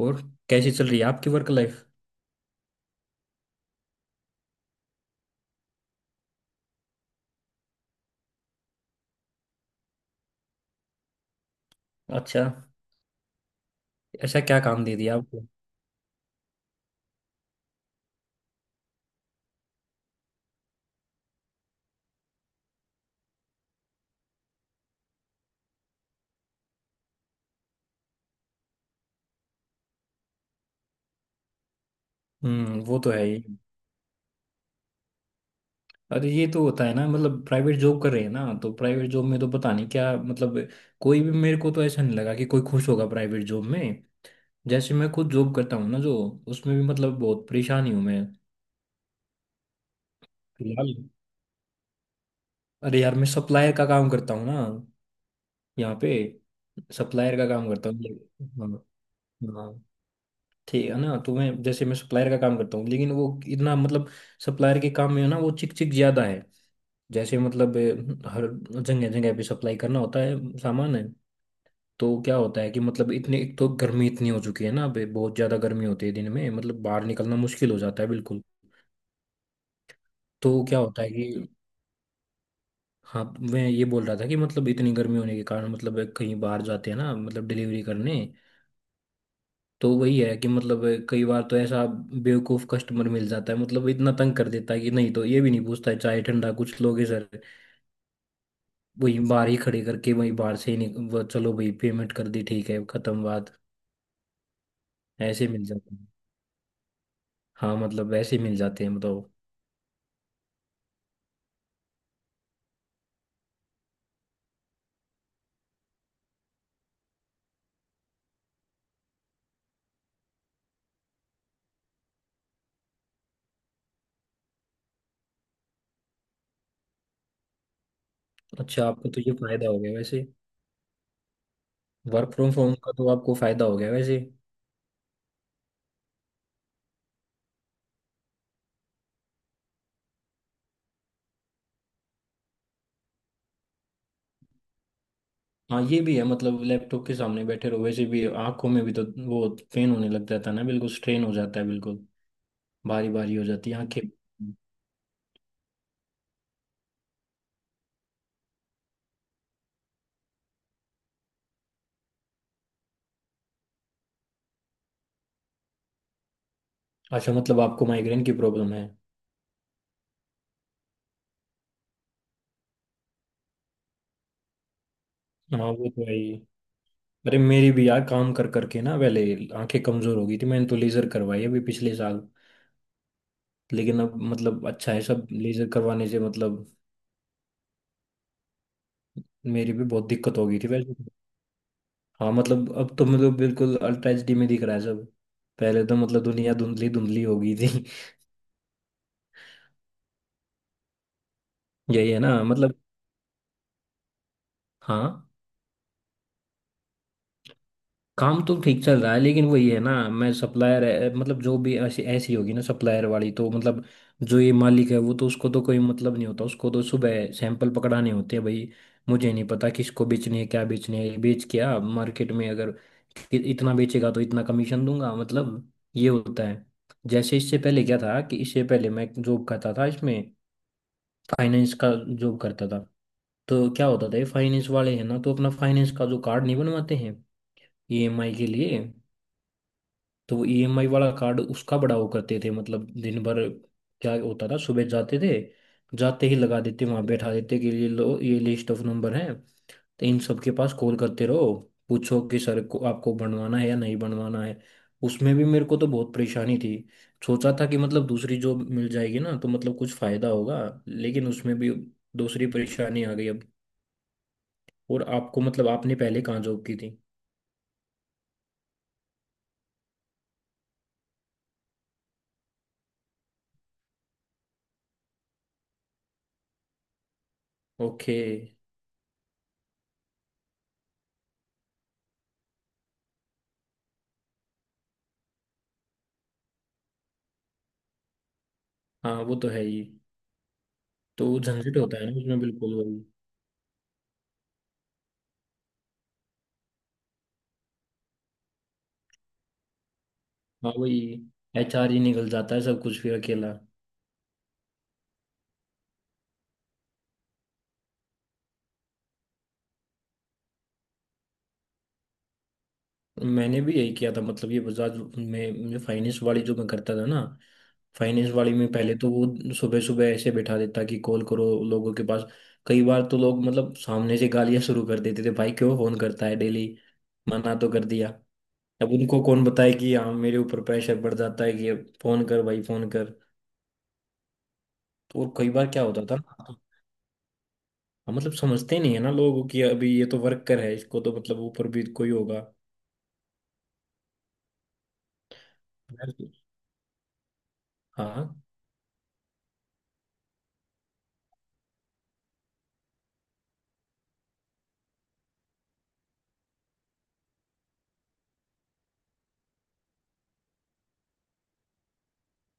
और कैसी चल रही है आपकी वर्क लाइफ। अच्छा, ऐसा क्या काम दे दिया आपको। हम्म, वो तो है ही। अरे ये तो होता है ना, मतलब प्राइवेट जॉब कर रहे हैं ना तो प्राइवेट जॉब में तो पता नहीं क्या मतलब। कोई भी, मेरे को तो ऐसा नहीं लगा कि कोई खुश होगा प्राइवेट जॉब में। जैसे मैं खुद जॉब करता हूँ ना, जो उसमें भी मतलब बहुत परेशानी हूँ मैं। फिलहाल अरे यार मैं सप्लायर का काम करता हूँ ना, यहाँ पे। सप्लायर का काम करता हूँ, हाँ। हाँ ठीक है ना, तो मैं जैसे मैं सप्लायर का काम करता हूँ लेकिन वो इतना मतलब सप्लायर के काम में ना वो चिक चिक ज्यादा है। जैसे मतलब हर जगह जगह पे सप्लाई करना होता है, सामान है। तो क्या होता है कि मतलब इतने एक तो गर्मी इतनी हो चुकी है ना, अबे बहुत ज्यादा गर्मी होती है दिन में, मतलब बाहर निकलना मुश्किल हो जाता है बिल्कुल। तो क्या होता है कि हाँ, मैं ये बोल रहा था कि मतलब इतनी गर्मी होने के कारण मतलब कहीं बाहर जाते हैं ना, मतलब डिलीवरी करने। तो वही है कि मतलब कई बार तो ऐसा बेवकूफ कस्टमर मिल जाता है मतलब इतना तंग कर देता है कि नहीं, तो ये भी नहीं पूछता है चाय ठंडा, कुछ लोग है सर। वही बाहर ही खड़े करके, वही बाहर से ही वो चलो भाई, पेमेंट कर दी, ठीक है, खत्म बात। ऐसे मिल जाते हैं। हाँ, मतलब ऐसे मिल जाते हैं मतलब। अच्छा, आपको तो ये फायदा हो गया वैसे। वर्क फ्रॉम होम का तो आपको फायदा हो गया वैसे। हाँ ये भी है मतलब लैपटॉप के सामने बैठे रहो, वैसे भी आंखों में भी तो वो पेन होने लग जाता है ना, बिल्कुल स्ट्रेन हो जाता है बिल्कुल। भारी भारी हो जाती है आंखें। अच्छा मतलब आपको माइग्रेन की प्रॉब्लम है। हाँ वो तो है ही। अरे मेरी भी यार काम कर करके ना पहले आंखें कमजोर हो गई थी, मैंने तो लेजर करवाई अभी पिछले साल। लेकिन अब मतलब अच्छा है सब लेजर करवाने से मतलब, मेरी भी बहुत दिक्कत हो गई थी वैसे तो। हाँ मतलब अब तो मतलब बिल्कुल अल्ट्रा HD में दिख रहा है सब। पहले तो मतलब दुनिया धुंधली धुंधली हो गई थी। यही है ना मतलब। हाँ, काम तो ठीक चल रहा है लेकिन वही है ना, मैं सप्लायर मतलब जो भी ऐसी ऐसी होगी ना सप्लायर वाली तो मतलब जो ये मालिक है वो तो उसको तो कोई मतलब नहीं होता, उसको तो सुबह सैंपल पकड़ाने होते हैं भाई। मुझे नहीं पता किसको बेचने है, क्या बेचने है, बेच क्या मार्केट में, अगर इतना बेचेगा तो इतना कमीशन दूंगा मतलब ये होता है। जैसे इससे पहले क्या था कि इससे पहले मैं जॉब करता था इसमें, फाइनेंस का जॉब करता था। तो क्या होता था ये फाइनेंस वाले हैं ना तो अपना फाइनेंस का जो कार्ड नहीं बनवाते हैं EMI के लिए, तो वो EMI वाला कार्ड उसका बड़ा वो करते थे मतलब दिन भर। क्या होता था सुबह जाते थे, जाते ही लगा देते वहां बैठा देते कि ये लो ये लिस्ट ऑफ नंबर है, तो इन सबके पास कॉल करते रहो, पूछो कि सर को आपको बनवाना है या नहीं बनवाना है। उसमें भी मेरे को तो बहुत परेशानी थी। सोचा था कि मतलब दूसरी जॉब मिल जाएगी ना तो मतलब कुछ फायदा होगा, लेकिन उसमें भी दूसरी परेशानी आ गई अब। और आपको मतलब आपने पहले कहाँ जॉब की थी। ओके। हाँ वो तो है ही। तो झंझट होता है ना उसमें, बिल्कुल वही। हाँ वही, HR ही निकल जाता है सब कुछ फिर अकेला। मैंने भी यही किया था मतलब, ये बजाज में मुझे फाइनेंस वाली जो मैं करता था ना, फाइनेंस वाली में पहले तो वो सुबह सुबह ऐसे बैठा देता कि कॉल करो लोगों के पास। कई बार तो लोग मतलब सामने से गालियां शुरू कर देते थे, भाई क्यों फोन करता है डेली, मना तो कर दिया। अब उनको कौन बताए कि हाँ मेरे ऊपर प्रेशर पड़ जाता है कि फोन कर भाई फोन कर। तो और कई बार क्या होता था ना, हाँ, मतलब समझते नहीं है ना लोग कि अभी ये तो वर्कर है, इसको तो मतलब ऊपर भी कोई होगा। हाँ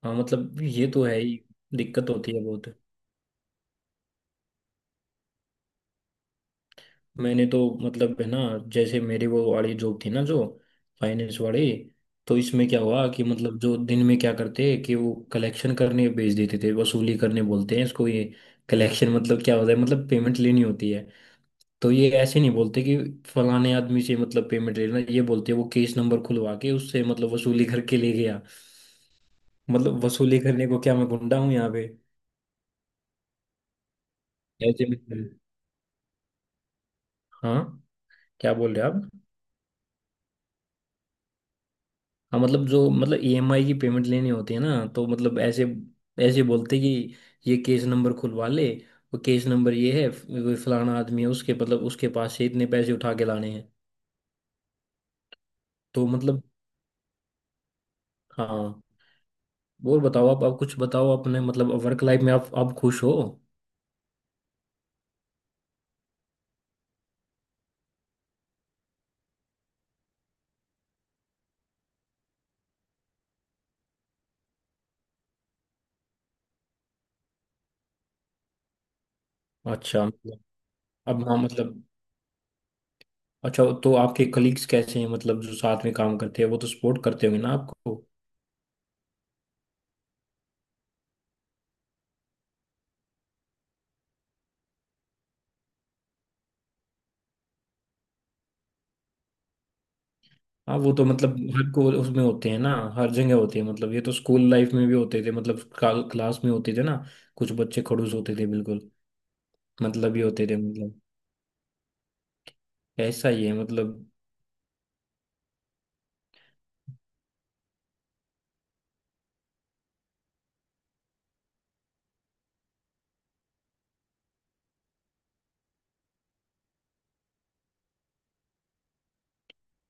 हाँ, मतलब ये तो है ही, दिक्कत होती है बहुत। मैंने तो मतलब है ना, जैसे मेरी वो वाली जॉब थी ना जो फाइनेंस वाली, तो इसमें क्या हुआ कि मतलब जो दिन में क्या करते कि वो कलेक्शन करने भेज देते थे, वसूली करने बोलते हैं इसको ये। कलेक्शन मतलब क्या होता है, मतलब पेमेंट लेनी होती है। तो ये ऐसे नहीं बोलते कि फलाने आदमी से मतलब पेमेंट लेना, ये बोलते हैं वो केस नंबर खुलवा के उससे मतलब वसूली करके ले गया। मतलब वसूली करने को क्या मैं गुंडा हूँ यहाँ पे। ऐसे भी- हाँ क्या बोल रहे हैं आप। हाँ मतलब जो मतलब EMI की पेमेंट लेनी होती है ना तो मतलब ऐसे ऐसे बोलते कि ये केस नंबर खुलवा ले, वो केस नंबर ये है, वो फलाना आदमी है उसके मतलब उसके पास से इतने पैसे उठा के लाने हैं। तो मतलब हाँ, और बताओ आप कुछ बताओ अपने मतलब वर्क लाइफ में आप खुश हो। अच्छा मतलब अब, हाँ मतलब, अच्छा तो आपके कलीग्स कैसे हैं, मतलब जो साथ में काम करते हैं वो तो सपोर्ट करते होंगे ना आपको। हाँ वो तो मतलब हर को उसमें होते हैं ना, हर जगह होते हैं मतलब। ये तो स्कूल लाइफ में भी होते थे, मतलब क्लास में होते थे ना, कुछ बच्चे खड़ूस होते थे बिल्कुल। मतलब ये होते थे मतलब ऐसा ही है मतलब।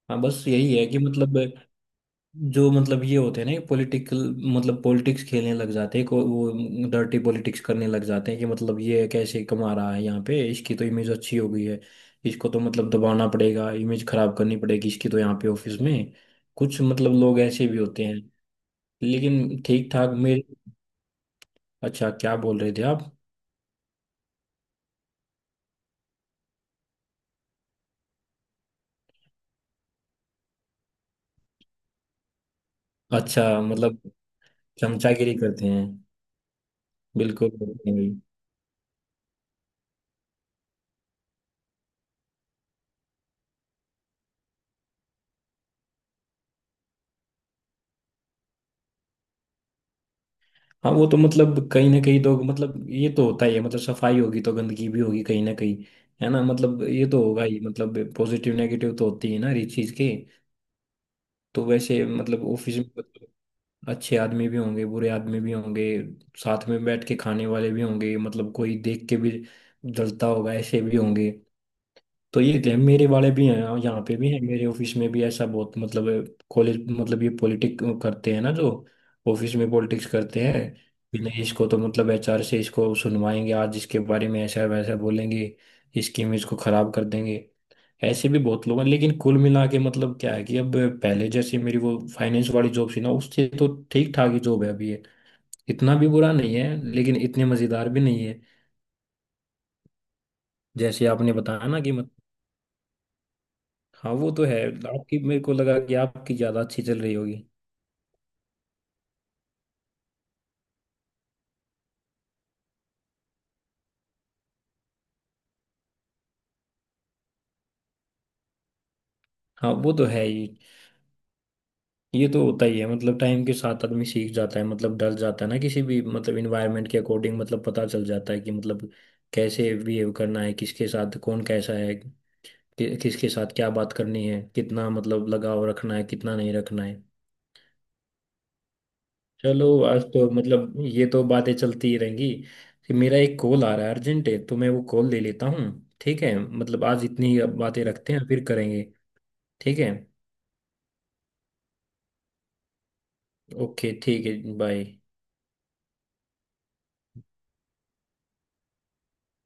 हाँ बस यही है कि मतलब जो मतलब ये होते हैं ना पॉलिटिकल, मतलब पॉलिटिक्स खेलने लग जाते हैं को, वो डर्टी पॉलिटिक्स करने लग जाते हैं कि मतलब ये कैसे कमा रहा है यहाँ पे, इसकी तो इमेज अच्छी हो गई है, इसको तो मतलब दबाना पड़ेगा, इमेज खराब करनी पड़ेगी इसकी, तो यहाँ पे ऑफिस में कुछ मतलब लोग ऐसे भी होते हैं। लेकिन ठीक ठाक मेरे। अच्छा क्या बोल रहे थे आप। अच्छा मतलब, चमचागिरी करते हैं बिल्कुल नहीं। हाँ वो तो मतलब कहीं ना कहीं तो मतलब ये तो होता ही है, मतलब सफाई होगी तो गंदगी भी होगी कहीं ना कहीं, है ना मतलब ये तो होगा ही, मतलब पॉजिटिव नेगेटिव तो होती है ना हर चीज के। तो वैसे मतलब ऑफिस में मतलब अच्छे आदमी भी होंगे, बुरे आदमी भी होंगे, साथ में बैठ के खाने वाले भी होंगे, मतलब कोई देख के भी जलता होगा, ऐसे भी होंगे। तो ये थे मेरे वाले भी हैं, यहाँ पे भी हैं, मेरे ऑफिस में भी ऐसा बहुत, मतलब कॉलेज मतलब ये पॉलिटिक करते हैं ना, जो ऑफिस में पॉलिटिक्स करते हैं कि नहीं इसको तो मतलब HR से इसको सुनवाएंगे आज, इसके बारे में ऐसा वैसा बोलेंगे, इसकी इमेज को खराब कर देंगे। ऐसे भी बहुत लोग हैं, लेकिन कुल मिला के मतलब क्या है कि अब पहले जैसे मेरी वो फाइनेंस वाली जॉब थी ना उससे तो ठीक ठाक ही जॉब है अभी ये, इतना भी बुरा नहीं है लेकिन इतने मजेदार भी नहीं है, जैसे आपने बताया ना कि। हाँ वो तो है आपकी, मेरे को लगा कि आपकी ज्यादा अच्छी चल रही होगी। हाँ वो तो है ही, ये तो होता ही है मतलब टाइम के साथ आदमी सीख जाता है, मतलब ढल जाता है ना किसी भी मतलब इन्वायरमेंट के अकॉर्डिंग, मतलब पता चल जाता है कि मतलब कैसे बिहेव करना है किसके साथ, कौन कैसा है, किसके साथ क्या बात करनी है, कितना मतलब लगाव रखना है कितना नहीं रखना है। चलो आज तो मतलब ये तो बातें चलती ही रहेंगी, कि मेरा एक कॉल आ रहा है अर्जेंट है, तो मैं वो कॉल ले लेता हूँ। ठीक है मतलब आज इतनी बातें रखते हैं, फिर करेंगे ठीक है, ओके ठीक है बाय।